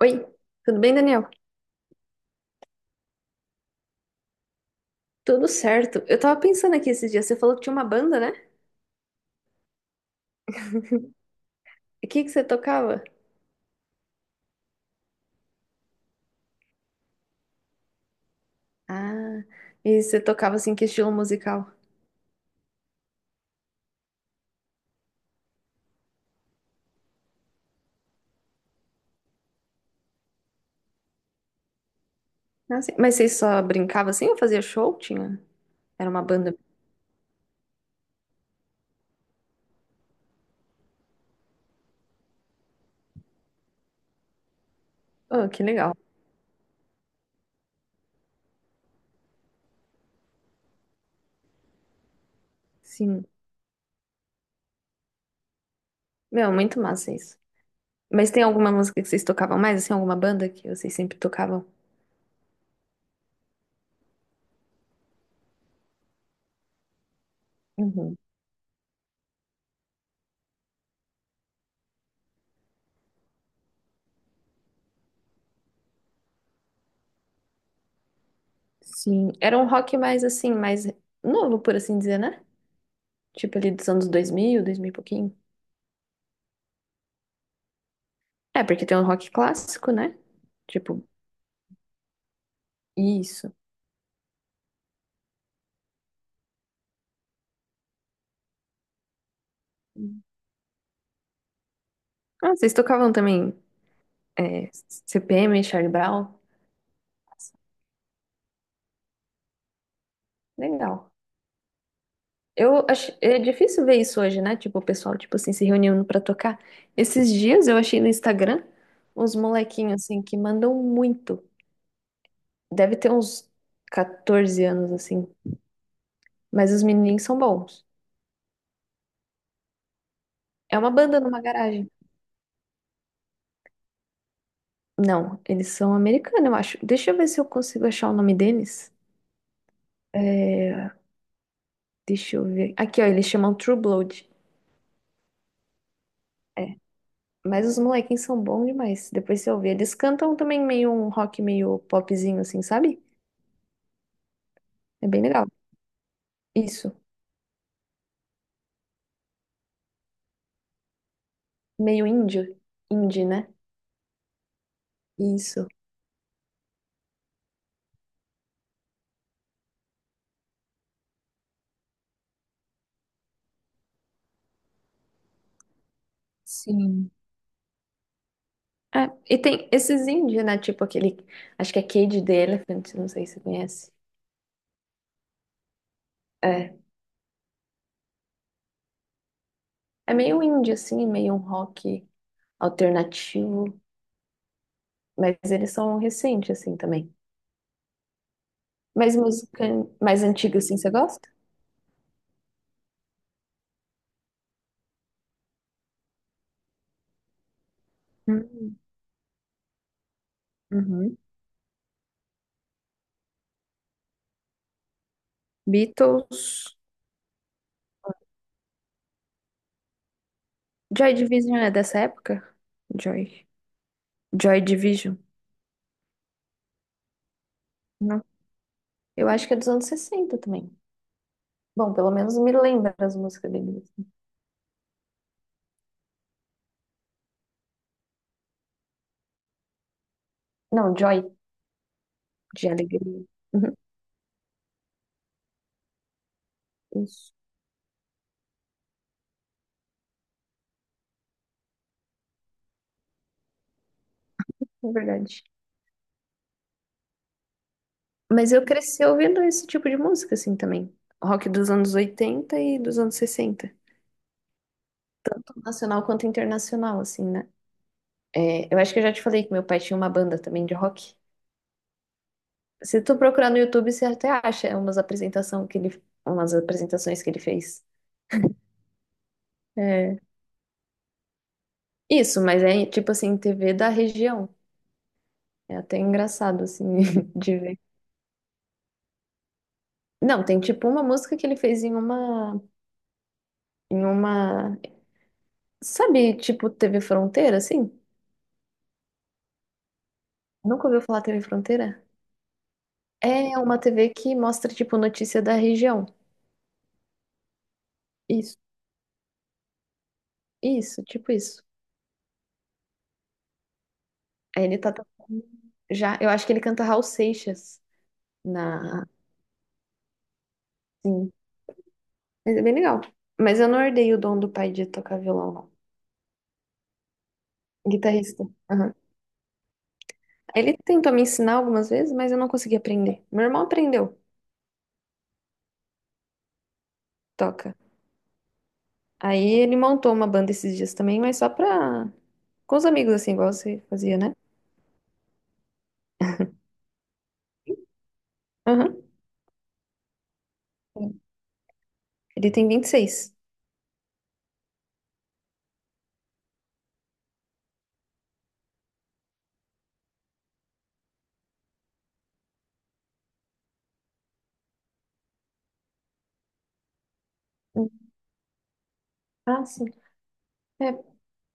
Oi, tudo bem, Daniel? Tudo certo. Eu tava pensando aqui esses dias, você falou que tinha uma banda, né? E o que que você tocava? Ah, e você tocava assim, que estilo musical? Ah, sim. Mas vocês só brincavam assim ou fazia show? Tinha? Era uma banda. Oh, que legal. Sim. Meu, muito massa isso. Mas tem alguma música que vocês tocavam mais, assim, alguma banda que vocês sempre tocavam? Uhum. Sim. Era um rock mais assim, mais novo, por assim dizer, né? Tipo ali dos anos 2000, 2000 e pouquinho. É, porque tem um rock clássico, né? Tipo, isso. Ah, vocês tocavam também é, CPM, Charlie Brown? Legal. Eu acho, é difícil ver isso hoje, né? Tipo, o pessoal, tipo assim, se reunindo pra tocar. Esses dias eu achei no Instagram uns molequinhos, assim, que mandam muito. Deve ter uns 14 anos, assim. Mas os menininhos são bons. É uma banda numa garagem. Não, eles são americanos, eu acho. Deixa eu ver se eu consigo achar o nome deles. É, deixa eu ver. Aqui, ó, eles chamam True Blood. Mas os molequinhos são bons demais. Depois você ouvir. Eles cantam também meio um rock meio popzinho, assim, sabe? É bem legal. Isso. Meio índio. Indie, né? Isso. Sim. É, e tem esses indie, né? Tipo aquele. Acho que é Cage the Elephant, não sei se você conhece. É. É meio indie, assim, meio um rock alternativo. Mas eles são recentes, assim, também. Mas música mais antiga, assim, você gosta? Hum. Uhum. Beatles. Joy Division é dessa época? Joy. Joy Division. Não. Eu acho que é dos anos 60 também. Bom, pelo menos me lembra as músicas deles. Não, Joy. De alegria. Uhum. Isso, é verdade. Mas eu cresci ouvindo esse tipo de música, assim, também. Rock dos anos 80 e dos anos 60. Tanto Nacional quanto internacional, assim, né? É, eu acho que eu já te falei que meu pai tinha uma banda também de rock. Se tu procurar no YouTube, você até acha umas apresentação que ele, umas apresentações que ele fez. É. Isso, mas é tipo assim, TV da região. É até engraçado, assim, de ver. Não, tem tipo uma música que ele fez em uma. Em uma. Sabe, tipo TV Fronteira, assim? Nunca ouviu falar TV Fronteira? É uma TV que mostra, tipo, notícia da região. Isso, isso, tipo isso. Aí ele tá tocando já. Eu acho que ele canta Raul Seixas na. Sim. Mas é bem legal. Mas eu não herdei o dom do pai de tocar violão, não. Guitarrista. Ele tentou me ensinar algumas vezes, mas eu não consegui aprender. Meu irmão aprendeu, toca. Aí ele montou uma banda esses dias também, mas só pra... Com os amigos, assim, igual você fazia, né? Aham. Ele tem 26. Ah, sim. É,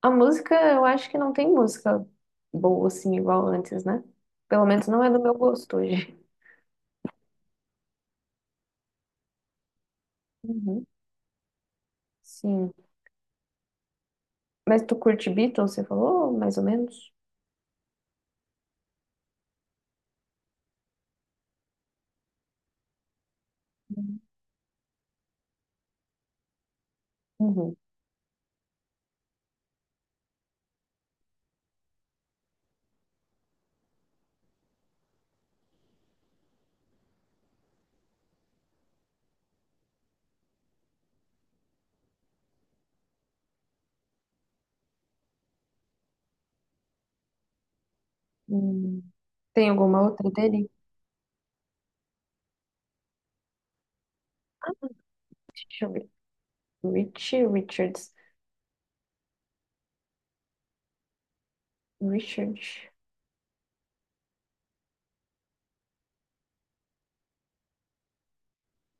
a música, eu acho que não tem música boa, assim, igual antes, né? Pelo menos não é do meu gosto hoje. Uhum. Sim. Mas tu curte Beatles, você falou, mais ou menos? Uhum. Uhum. Hum. Tem alguma outra dele? Ah, deixa eu ver. Richie Richards. Richard.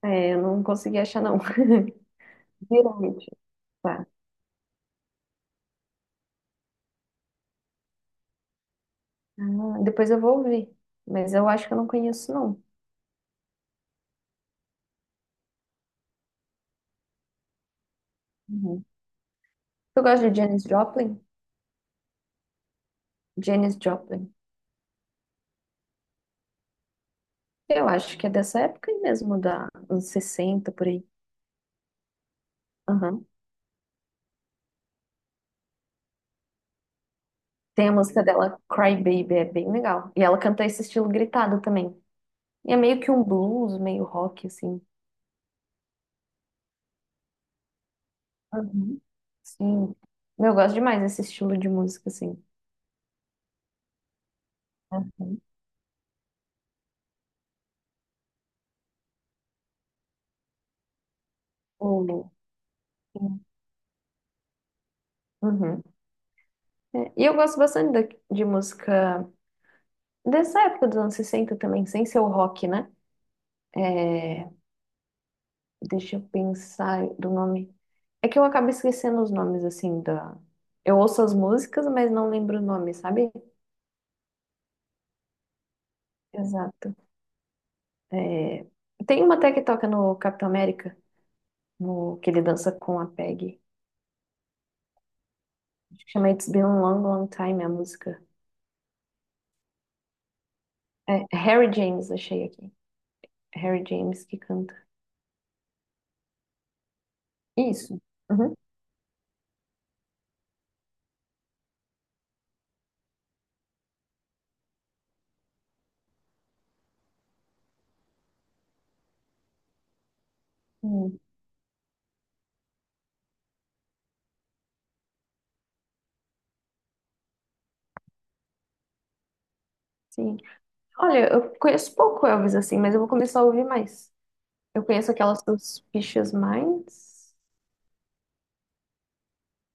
É, eu não consegui achar, não. Viram Richard. Tá. Ah, depois eu vou ouvir. Mas eu acho que eu não conheço, não. Uhum. Tu gosta de Janis Joplin? Janis Joplin. Eu acho que é dessa época aí mesmo, da anos 60 por aí. Aham. Tem a música dela, Cry Baby, é bem legal. E ela canta esse estilo gritado também. E é meio que um blues, meio rock, assim. Uhum. Sim. Eu gosto demais desse estilo de música, assim. Uhum. O- Sim. Uhum. E eu gosto bastante de música dessa época dos anos 60 também, sem ser o rock, né? É, deixa eu pensar do nome. É que eu acabo esquecendo os nomes, assim, da... Eu ouço as músicas, mas não lembro o nome, sabe? Exato. É. Tem uma até que toca no Capitão América, no... que ele dança com a Peggy. Acho que Chama It's Been a Long, Long Time, a música. É Harry James, achei aqui. É Harry James que canta. Isso. Uhum. Hum. Sim. Olha, eu conheço pouco Elvis assim, mas eu vou começar a ouvir mais. Eu conheço aquela Suspicious Minds.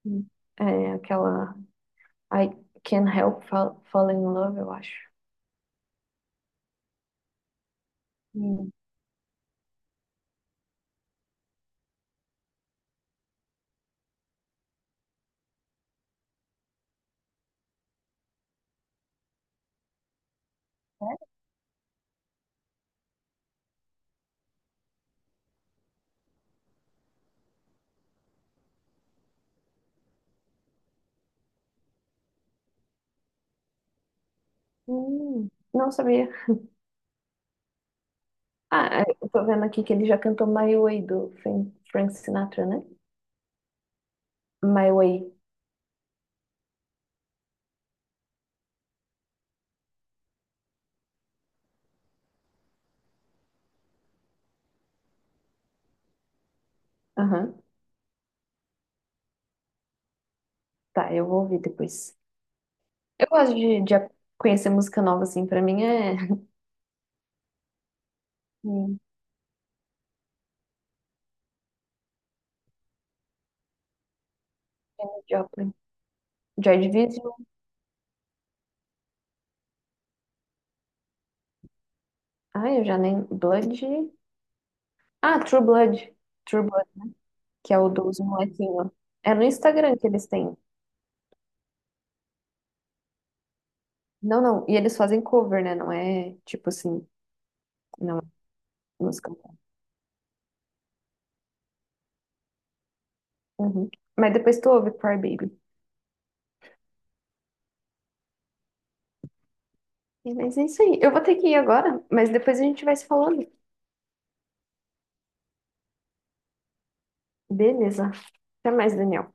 Hum. é, aquela I Can't Help Fall in Love, eu acho. Hum. Não sabia. Ah, é, eu tô vendo aqui que ele já cantou My Way do Frank Sinatra, né? My Way. Aham. Tá, eu vou ouvir depois. Eu gosto de conhecer música nova, assim, pra mim é Hum. Joplin. Joy Division. Ah, eu já nem. Blood. Ah, True Blood. True Blood, né? Que é o dos molequinhos. É no Instagram que eles têm. Não, não. E eles fazem cover, né? Não é tipo assim. Não, é música. Uhum. Mas depois tu ouve Cry Baby. É, mas é isso aí. Eu vou ter que ir agora, mas depois a gente vai se falando. Beleza. Até mais, Daniel.